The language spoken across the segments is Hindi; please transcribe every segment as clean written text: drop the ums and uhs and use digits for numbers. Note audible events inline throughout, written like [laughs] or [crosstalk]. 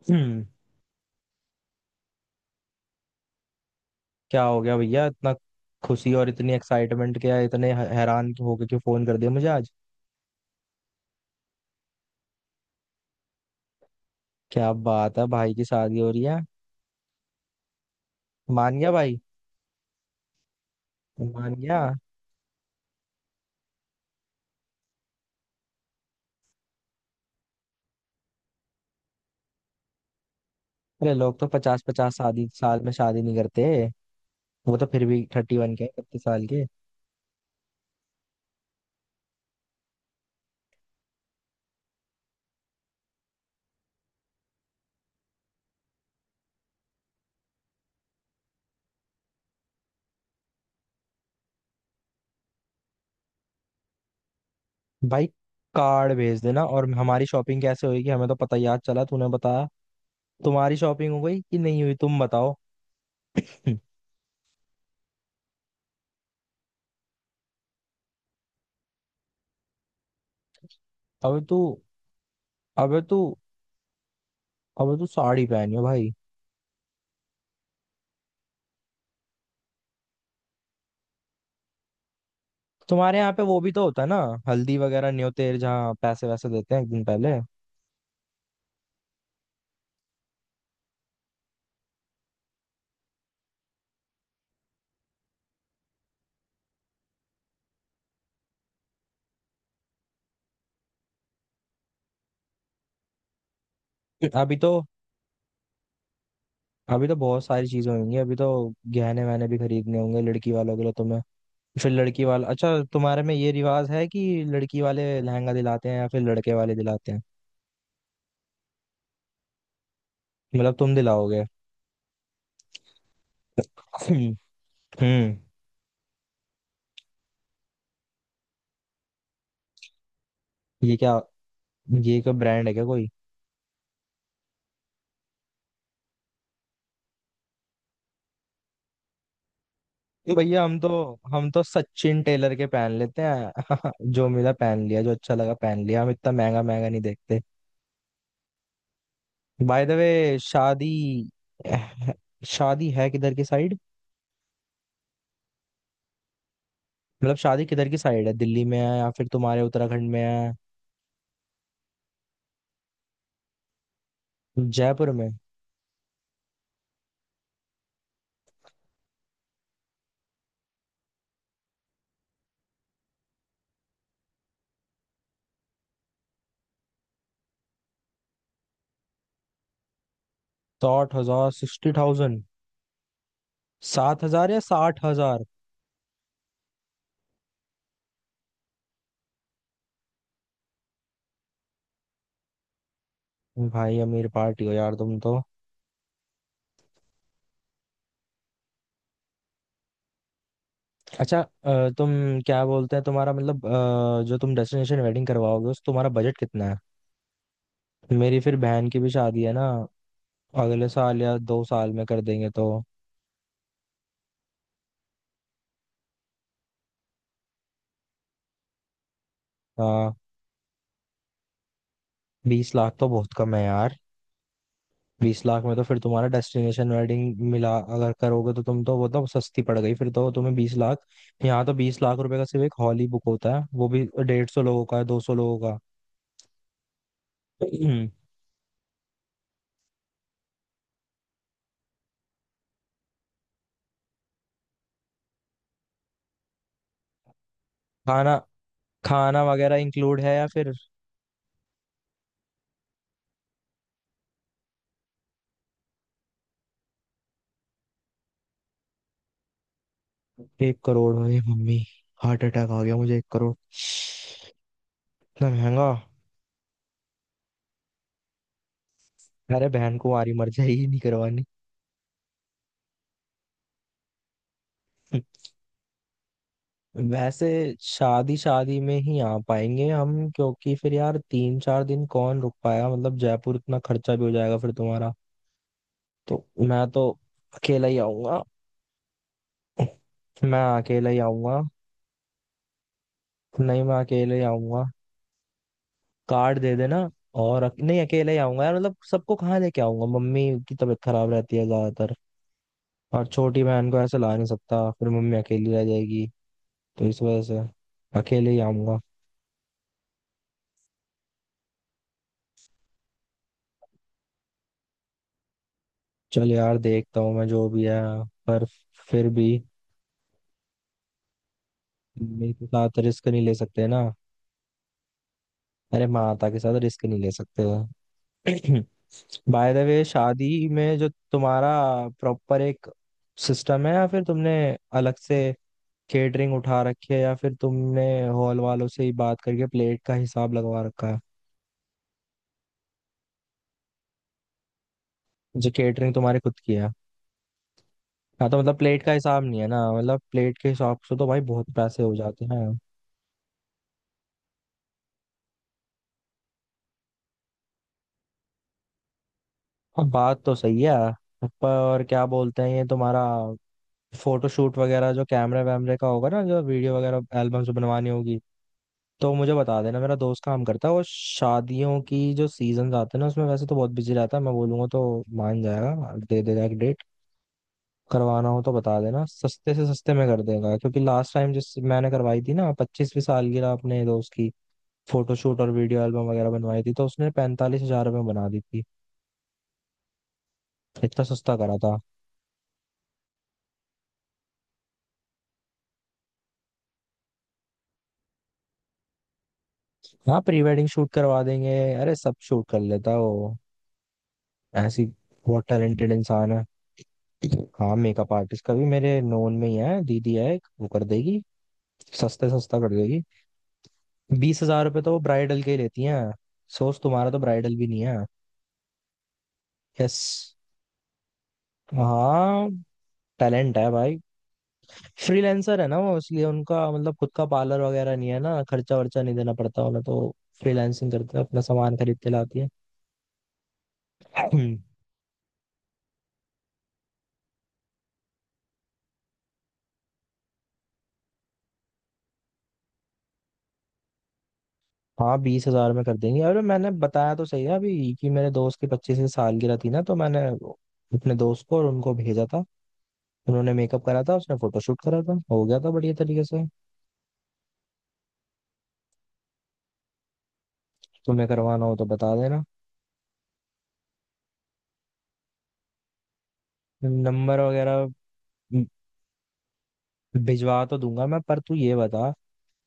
[clears throat] हम्म, क्या हो गया भैया? इतना खुशी और इतनी एक्साइटमेंट, क्या इतने हैरान होके क्यों फोन कर दिया मुझे आज? क्या बात है, भाई की शादी हो रही है। मान गया भाई। मान गया। अरे लोग तो पचास पचास शादी साल में शादी नहीं करते। वो तो फिर भी 31 के, 31 साल के। भाई, कार्ड भेज देना। और हमारी शॉपिंग कैसे होगी? हमें तो पता, याद चला तूने बताया। तुम्हारी शॉपिंग हो गई कि नहीं हुई, तुम बताओ। [clears throat] हम्म, अबे तू अबे तू अबे तू साड़ी पहनियो भाई। तुम्हारे यहाँ पे वो भी तो होता है ना, हल्दी वगैरह न्योतेर, जहाँ पैसे वैसे देते हैं एक दिन पहले। अभी तो अभी तो बहुत सारी चीजें होंगी। अभी तो गहने वहने भी खरीदने होंगे लड़की वालों के लिए तुम्हें। फिर लड़की वाला, अच्छा तुम्हारे में ये रिवाज है कि लड़की वाले लहंगा दिलाते हैं या फिर लड़के वाले दिलाते हैं? मतलब तुम दिलाओगे? हम्म। हम्म, ये क्या ये क्या ब्रांड है क्या कोई? तो भैया हम तो सचिन टेलर के पहन लेते हैं। [laughs] जो मिला पहन लिया, जो अच्छा लगा पहन लिया, हम इतना महंगा महंगा नहीं देखते। बाय द वे, शादी शादी है किधर की साइड? मतलब शादी किधर की साइड है, दिल्ली में है या फिर तुम्हारे उत्तराखंड में है? जयपुर में? 60 हजार? 60,000? 7 हजार या 60 हजार? भाई अमीर पार्टी हो यार तुम तो। अच्छा, तुम क्या बोलते हैं तुम्हारा, मतलब जो तुम डेस्टिनेशन वेडिंग करवाओगे उस तुम्हारा बजट कितना है? मेरी फिर बहन की भी शादी है ना, अगले साल या 2 साल में कर देंगे तो। हाँ। 20 लाख तो बहुत कम है यार। 20 लाख में तो फिर तुम्हारा डेस्टिनेशन वेडिंग मिला, अगर करोगे तो तुम तो, वो तो सस्ती पड़ गई फिर तो तुम्हें 20 लाख। यहाँ तो 20 लाख रुपए का सिर्फ एक हॉल ही बुक होता है, वो भी 150 लोगों का, 200 लोगों का। [clears throat] खाना खाना वगैरह इंक्लूड है या फिर? 1 करोड़? है मम्मी, हार्ट अटैक आ गया मुझे। 1 करोड़? इतना महंगा? अरे बहन को मारी, मर जाएगी। नहीं करवानी। वैसे शादी शादी में ही आ पाएंगे हम क्योंकि फिर यार 3-4 दिन कौन रुक पाएगा, मतलब जयपुर, इतना खर्चा भी हो जाएगा फिर तुम्हारा। तो मैं तो अकेला ही आऊंगा। मैं अकेला ही आऊंगा। नहीं, मैं अकेले ही आऊंगा। कार्ड दे देना। और नहीं, अकेले ही आऊंगा यार, मतलब सबको कहाँ लेके आऊंगा? मम्मी की तबीयत खराब रहती है ज्यादातर, और छोटी बहन को ऐसे ला नहीं सकता, फिर मम्मी अकेली रह जाएगी। तो इस वजह से अकेले ही आऊंगा। चल यार, देखता हूँ मैं, जो भी है। पर फिर भी, मेरे के साथ रिस्क नहीं ले सकते ना, अरे माता के साथ रिस्क नहीं ले सकते। [clears throat] बाय द वे, शादी में जो तुम्हारा प्रॉपर एक सिस्टम है, या फिर तुमने अलग से केटरिंग उठा रखी है, या फिर तुमने हॉल वालों से ही बात करके प्लेट का हिसाब लगवा रखा है? जो केटरिंग तुम्हारी खुद की है? हाँ तो मतलब प्लेट का हिसाब नहीं है ना, मतलब प्लेट के हिसाब से तो भाई बहुत पैसे हो जाते हैं। हाँ, बात तो सही है। पर क्या बोलते हैं, ये तुम्हारा फोटोशूट वगैरह जो कैमरे वैमरे का होगा ना, जो वीडियो वगैरह एल्बम्स बनवानी होगी, तो मुझे बता देना। मेरा दोस्त काम करता है वो, शादियों की जो सीजन आते हैं ना उसमें वैसे तो बहुत बिजी रहता है, मैं बोलूंगा तो मान जाएगा, दे देगा एक डेट। करवाना हो तो बता देना, सस्ते से सस्ते में कर देगा, क्योंकि लास्ट टाइम जिस मैंने करवाई थी ना 25वीं सालगिरह अपने दोस्त की, फोटोशूट और वीडियो एल्बम वगैरह बनवाई थी तो उसने 45 हजार रुपये में बना दी थी। इतना सस्ता करा था। हाँ प्री वेडिंग शूट करवा देंगे। अरे सब शूट कर लेता है वो, ऐसी, बहुत टैलेंटेड इंसान है। हाँ, मेकअप आर्टिस्ट का भी मेरे नोन में ही है। दीदी है एक, वो कर देगी। सस्ते सस्ता कर देगी। 20 हजार रुपये तो वो ब्राइडल के ही लेती हैं। सोच, तुम्हारा तो ब्राइडल भी नहीं है। यस। हाँ। टैलेंट है भाई। फ्रीलांसर है ना वो, इसलिए उनका मतलब खुद का पार्लर वगैरह नहीं है ना, खर्चा वर्चा नहीं देना पड़ता उन्हें तो। फ्रीलांसिंग करते हैं, अपना सामान खरीद के लाती है। [clears throat] हाँ 20 हजार में कर देंगे। अरे मैंने बताया तो सही है अभी कि मेरे दोस्त की 25 सालगिरह थी ना, तो मैंने अपने दोस्त को और उनको भेजा था। उन्होंने मेकअप करा था, उसने फोटोशूट करा था, हो गया था बढ़िया तरीके से। तुम्हें करवाना हो तो बता देना। नंबर वगैरह भिजवा तो दूंगा मैं, पर तू ये बता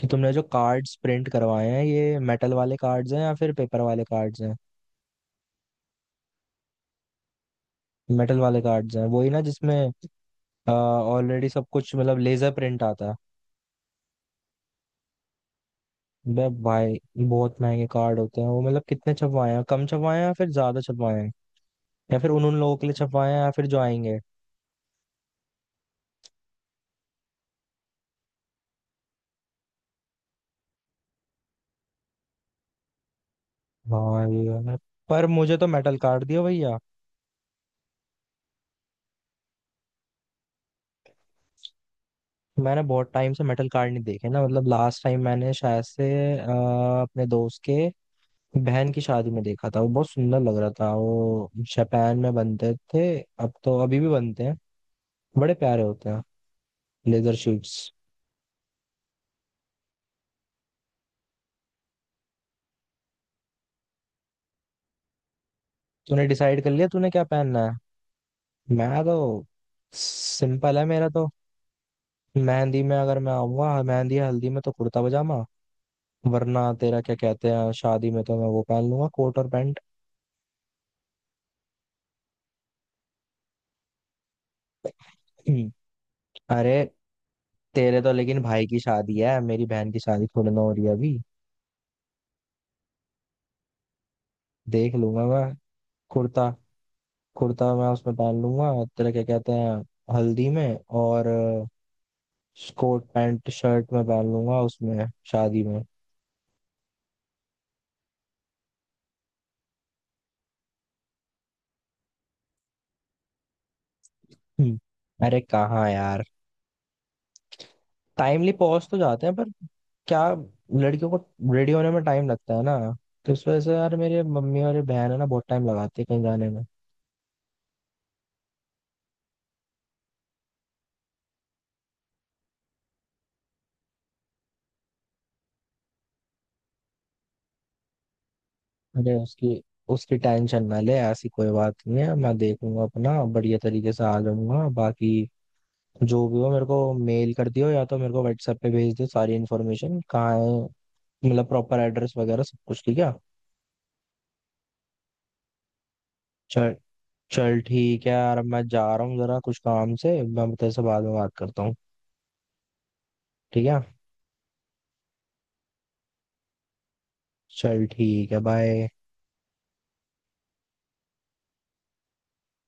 कि तुमने जो कार्ड्स प्रिंट करवाए हैं, ये मेटल वाले कार्ड्स हैं या फिर पेपर वाले कार्ड्स हैं? मेटल वाले कार्ड्स हैं वही ना, जिसमें ऑलरेडी सब कुछ मतलब लेजर प्रिंट आता है? बे भाई, बहुत महंगे कार्ड होते हैं वो। मतलब कितने छपवाए हैं, कम छपवाए हैं या फिर ज्यादा छपवाए हैं? या फिर उन उन लोगों के लिए छपवाए हैं या फिर जो आएंगे? भाई यार, पर मुझे तो मेटल कार्ड दिया भैया। मैंने बहुत टाइम से मेटल कार्ड नहीं देखे ना, मतलब लास्ट टाइम मैंने शायद से अ, अपने दोस्त के बहन की शादी में देखा था। वो बहुत सुंदर लग रहा था, वो जापान में बनते थे। अब तो अभी भी बनते हैं, बड़े प्यारे होते हैं, लेदर शूट्स। तूने डिसाइड कर लिया तूने क्या पहनना है? मैं तो, सिंपल है मेरा तो। मेहंदी में अगर मैं आऊंगा, मेहंदी या हल्दी में, तो कुर्ता पजामा। वरना तेरा क्या कहते हैं, शादी में तो मैं वो पहन लूंगा, कोट और पैंट। [clears throat] अरे तेरे तो लेकिन भाई की शादी है, मेरी बहन की शादी थोड़ी ना हो रही है अभी। देख लूंगा मैं। कुर्ता कुर्ता मैं उसमें पहन लूंगा। तेरा क्या कहते हैं, हल्दी में। और कोट पैंट शर्ट में पहन लूंगा उसमें, शादी में। [clears throat] हम्म, अरे कहाँ यार, टाइमली पहुंच तो जाते हैं, पर क्या लड़कियों को रेडी होने में टाइम लगता है ना। तो इस वजह से यार मेरे मम्मी और ये बहन है ना, बहुत टाइम लगाती है कहीं जाने में। अरे उसकी उसकी टेंशन ना ले, ऐसी कोई बात नहीं है। मैं देखूंगा अपना, बढ़िया तरीके से आ जाऊंगा। बाकी जो भी हो मेरे को मेल कर दियो या तो मेरे को व्हाट्सएप पे भेज दियो, सारी इन्फॉर्मेशन कहाँ है मतलब, प्रॉपर एड्रेस वगैरह, सब कुछ ठीक है। चल, चल ठीक है यार, अब मैं जा रहा हूँ जरा कुछ काम से, मैं तेरे से बाद में बात करता हूँ। ठीक है, चल ठीक है, बाय।